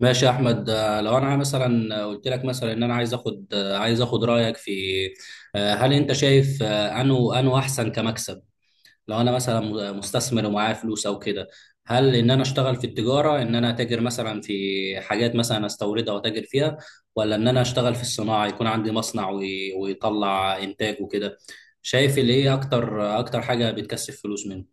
ماشي يا احمد، لو انا مثلا قلت لك مثلا ان انا عايز اخد رايك في. هل انت شايف، انه احسن كمكسب. لو انا مثلا مستثمر ومعايا فلوس او كده، هل ان انا اشتغل في التجاره، ان انا اتاجر مثلا في حاجات مثلا استوردها واتاجر فيها، ولا ان انا اشتغل في الصناعه، يكون عندي مصنع ويطلع انتاج وكده. شايف اللي ايه اكتر، اكتر حاجه بتكسب فلوس منه.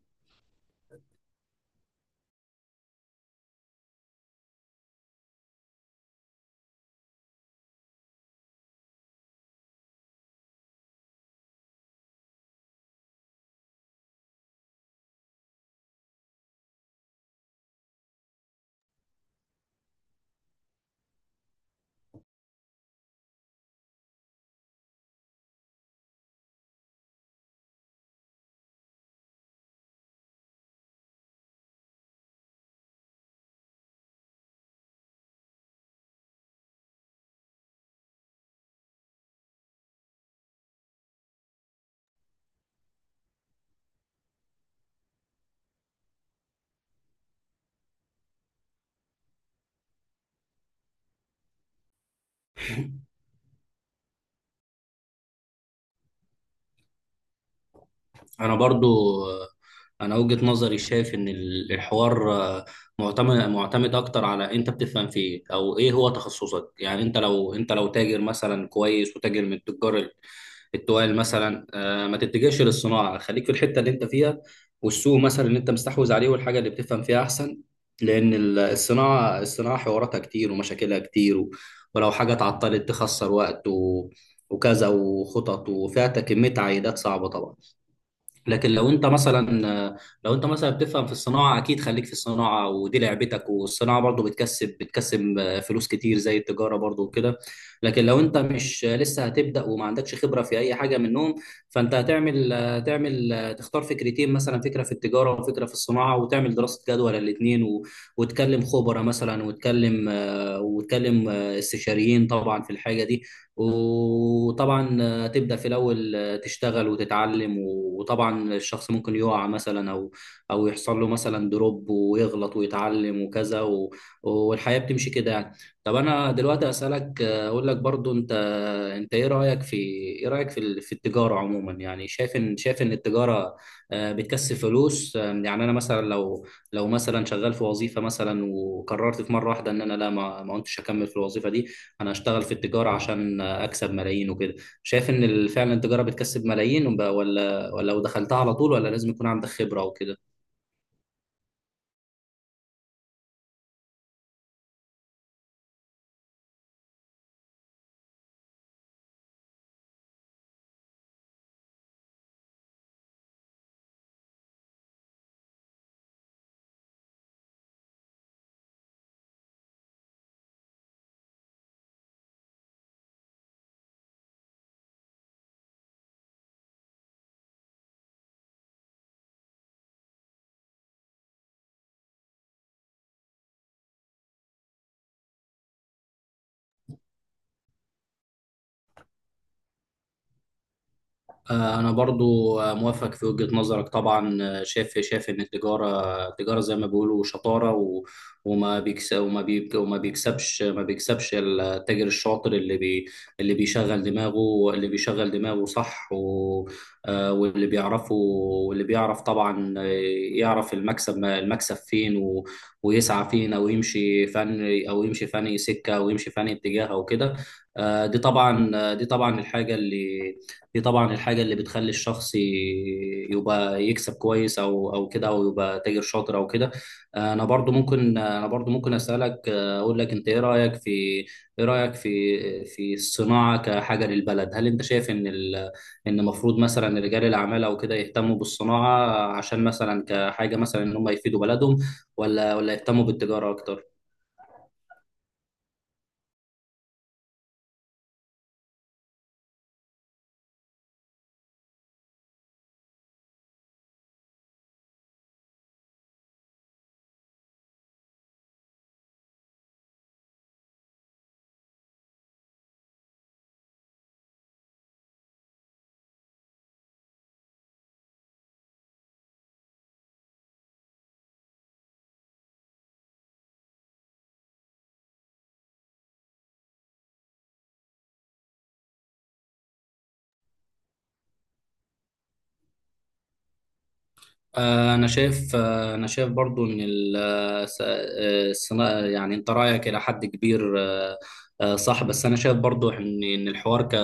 انا برضو انا وجهة نظري شايف ان الحوار، معتمد اكتر على انت بتفهم في ايه او ايه هو تخصصك. يعني انت لو، انت لو تاجر مثلا كويس وتاجر من تجار التوال مثلا، ما تتجهش للصناعة، خليك في الحتة اللي انت فيها والسوق مثلا اللي انت مستحوذ عليه والحاجة اللي بتفهم فيها احسن. لان الصناعة، حواراتها كتير ومشاكلها كتير، ولو حاجة اتعطلت تخسر وقت وكذا وخطط، وفيها كمية عائدات صعبة طبعا. لكن لو انت مثلا لو انت مثلا بتفهم في الصناعه، اكيد خليك في الصناعه ودي لعبتك، والصناعه برضو بتكسب فلوس كتير زي التجاره برضو وكده. لكن لو انت مش لسه هتبدا وما عندكش خبره في اي حاجه منهم، فانت هتعمل تختار فكرتين مثلا، فكره في التجاره وفكره في الصناعه، وتعمل دراسه جدوى للاثنين وتكلم خبراء مثلا وتكلم، وتكلم استشاريين طبعا في الحاجه دي، وطبعا تبدأ في الأول. تشتغل وتتعلم، وطبعا الشخص ممكن يقع مثلا، أو يحصل له مثلا دروب ويغلط ويتعلم وكذا، والحياة بتمشي كده يعني. طب أنا دلوقتي أسألك، أقول لك برضو، أنت إيه رأيك في، إيه رأيك في في التجارة عموما؟ يعني شايف إن التجارة، بتكسب فلوس. يعني أنا مثلا لو مثلا شغال في وظيفة مثلا، وقررت في مرة واحدة إن أنا لا، ما كنتش أكمل في الوظيفة دي، انا اشتغل في التجارة عشان اكسب ملايين وكده. شايف ان فعلا التجاره بتكسب ملايين، ولا، لو دخلتها على طول، ولا لازم يكون عندك خبره وكده؟ أنا برضو، موافق في وجهة نظرك طبعا. شايف إن التجارة تجارة زي ما بيقولوا شطارة، و- وما بيكس وما بيك وما بيكسبش ما بيكسبش التاجر الشاطر، اللي بيشغل دماغه صح. و آه، واللي بيعرفه واللي بيعرف طبعا، يعرف المكسب، المكسب فين، و ويسعى فين، أو يمشي فني اتجاه أو كده. آه، دي طبعا آه، دي طبعا الحاجة اللي دي طبعا الحاجة اللي بتخلي الشخص يبقى يكسب كويس، أو كده، أو يبقى تاجر شاطر أو كده. أنا برضو ممكن أسألك، أقول لك، أنت إيه رأيك في، إيه رأيك في الصناعة كحاجة للبلد. هل أنت شايف إن إن المفروض مثلا رجال الأعمال أو كده يهتموا بالصناعة، عشان مثلا كحاجة مثلا إن هم يفيدوا بلدهم، ولا يهتموا بالتجارة أكتر؟ أنا شايف برضو إن يعني أنت رأيك إلى حد كبير، صح، بس أنا شايف برضو إن الحوار،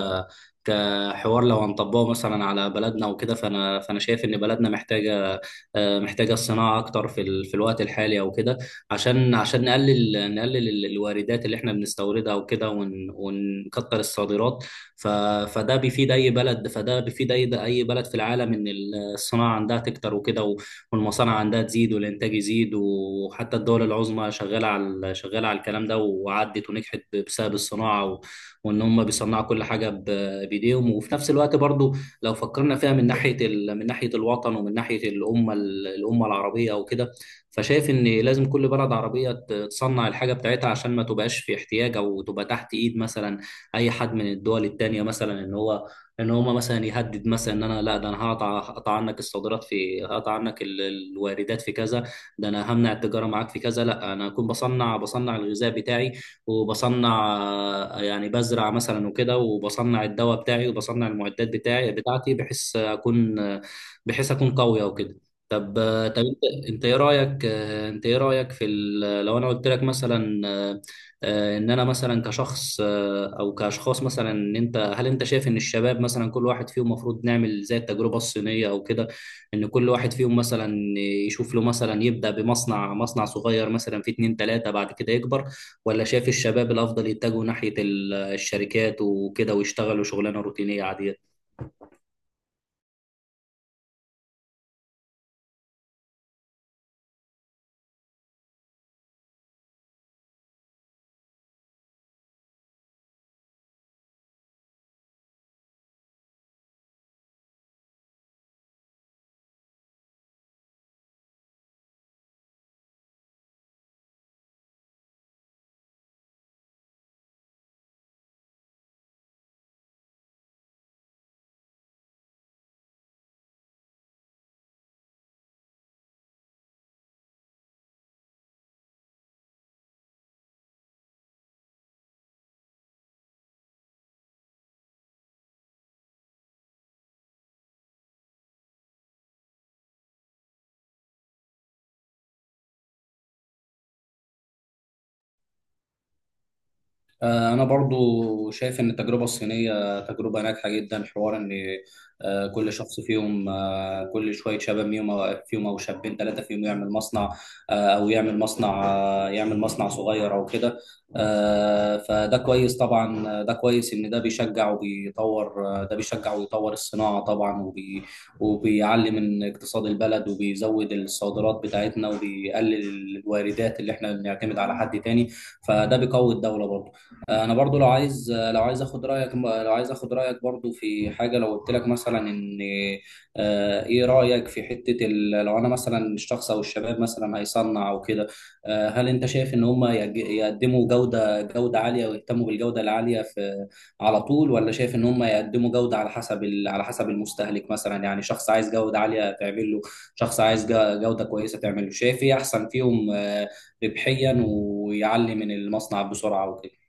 كحوار لو هنطبقه مثلا على بلدنا وكده، فأنا شايف إن بلدنا محتاجة، الصناعة أكتر في الوقت الحالي أو كده، عشان، نقلل الواردات اللي إحنا بنستوردها وكده، ونكتر الصادرات. ف... فده بيفيد اي بلد فده بيفيد اي، بلد في العالم، ان الصناعه عندها تكتر وكده، والمصانع عندها تزيد والانتاج يزيد، وحتى الدول العظمى شغاله على الكلام ده وعدت ونجحت بسبب الصناعه، وان هم بيصنعوا كل حاجه بايديهم. وفي نفس الوقت برضو، لو فكرنا فيها من ناحيه الوطن، ومن ناحيه الامه، الامه العربيه وكده، فشايف ان لازم كل بلد عربيه تصنع الحاجه بتاعتها، عشان ما تبقاش في احتياج، او تبقى تحت ايد مثلا اي حد من الدول التانية مثلا، ان هما مثلا يهدد مثلا، ان انا لا، ده انا، هقطع عنك الصادرات في، هقطع عنك ال- الواردات في كذا ده انا همنع التجارة معاك في كذا. لا، انا اكون بصنع الغذاء بتاعي، وبصنع، يعني بزرع مثلا وكده، وبصنع الدواء بتاعي، وبصنع المعدات بتاعتي، بحيث اكون قوي وكده. طب، انت ايه رايك، في لو انا قلت لك مثلا، ان انا مثلا كشخص او كاشخاص مثلا، ان انت هل انت شايف ان الشباب مثلا، كل واحد فيهم المفروض نعمل زي التجربه الصينيه او كده، ان كل واحد فيهم مثلا يشوف له مثلا، يبدا مصنع صغير مثلا في اتنين تلاته، بعد كده يكبر. ولا شايف الشباب الافضل يتجهوا ناحيه الشركات وكده، ويشتغلوا شغلانه روتينيه عاديه؟ أنا برضو شايف إن التجربة الصينية تجربة ناجحة جدا. حوار إن، آه، كل شخص فيهم كل شوية شباب فيهم، أو شابين ثلاثة فيهم يعمل مصنع، آه، أو يعمل مصنع آه، يعمل مصنع صغير أو كده. فده كويس طبعا، آه، ده كويس إن ده بيشجع وبيطور، آه، ده بيشجع ويطور الصناعة طبعا، وبيعلي من اقتصاد البلد، وبيزود الصادرات بتاعتنا، وبيقلل الواردات اللي إحنا بنعتمد على حد تاني فده بيقوي الدولة برضو. انا برضو لو عايز اخد رايك برضو في حاجه. لو قلت لك مثلا ان، ايه رايك في حته، لو انا مثلا الشخص او الشباب مثلا هيصنع او كده، هل انت شايف ان هم يقدموا جوده عاليه، ويهتموا بالجوده العاليه في على طول، ولا شايف ان هم يقدموا جوده على حسب، على حسب المستهلك مثلا؟ يعني شخص عايز جوده عاليه تعمل له، شخص عايز جوده كويسه تعمل له. شايف ايه احسن فيهم، ربحيا، ويعلي من المصنع بسرعه وكده.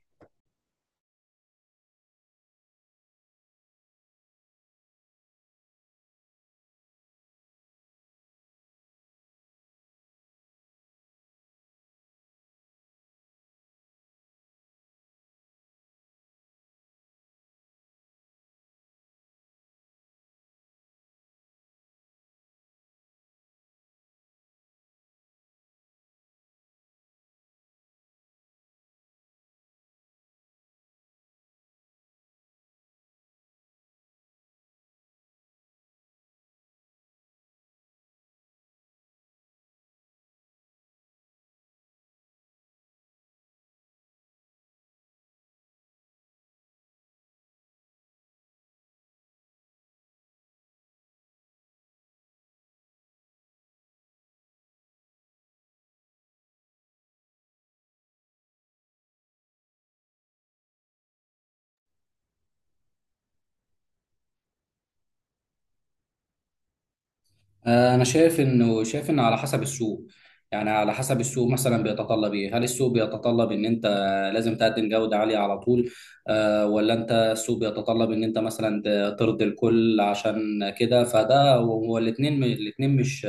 انا شايف انه، على حسب السوق. يعني على حسب السوق مثلا بيتطلب ايه، هل السوق بيتطلب ان انت لازم تقدم جودة عالية على طول، آه ولا انت، السوق بيتطلب ان انت مثلا ترضي الكل عشان كده؟ فده هو الاتنين، الاتنين مش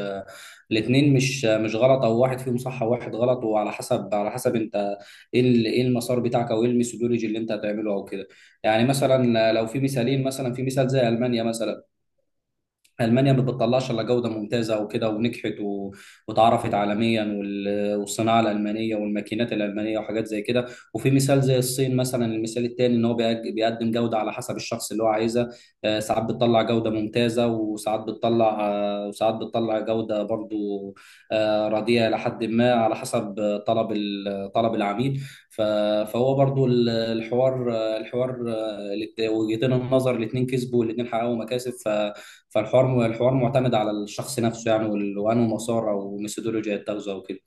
الاتنين مش غلط، او واحد فيهم صح وواحد غلط، وعلى حسب، على حسب انت ايه ايه المسار بتاعك، او ايه الميثودولوجي اللي انت هتعمله او كده. يعني مثلا لو في مثالين مثلا، في مثال زي المانيا مثلا، المانيا ما بتطلعش الا جوده ممتازه وكده، ونجحت واتعرفت عالميا، والصناعه الالمانيه والماكينات الالمانيه وحاجات زي كده. وفي مثال زي الصين مثلا، المثال التاني، ان هو بيقدم جوده على حسب الشخص اللي هو عايزها. ساعات بتطلع جوده ممتازه، وساعات بتطلع جوده برضو، رديئه، لحد ما على حسب، طلب العميل. ف... فهو برضو الحوار، وجهتين النظر الاثنين كسبوا، والاثنين حققوا مكاسب، الحوار معتمد على الشخص نفسه يعني، وانه مسار او ميثودولوجيا يتخذه او كده.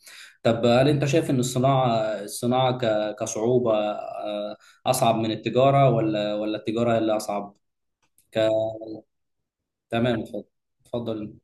طب هل انت شايف ان الصناعه كصعوبه، اصعب من التجاره، ولا التجاره اللي اصعب؟ ك... تمام، اتفضل، اتفضل.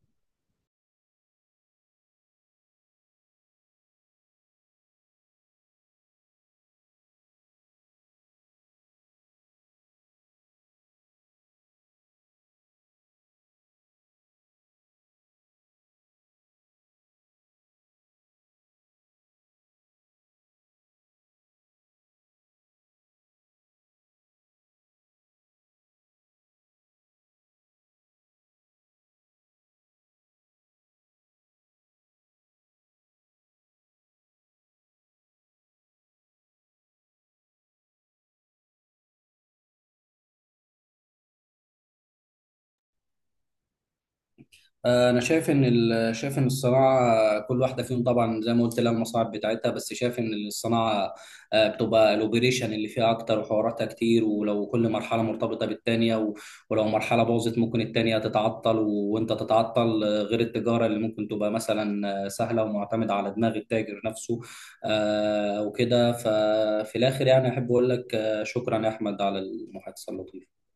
انا شايف ان ال- شايف ان الصناعه، كل واحده فيهم طبعا زي ما قلت لها المصاعب بتاعتها، بس شايف ان الصناعه، بتبقى الاوبريشن اللي فيها اكتر وحواراتها كتير، ولو كل مرحله مرتبطه بالتانيه، ولو مرحله باظت ممكن التانيه تتعطل، وانت تتعطل، غير التجاره اللي ممكن تبقى مثلا سهله ومعتمده على دماغ التاجر نفسه وكده. ففي الاخر يعني احب اقول لك، شكرا يا احمد على المحادثه اللطيفه.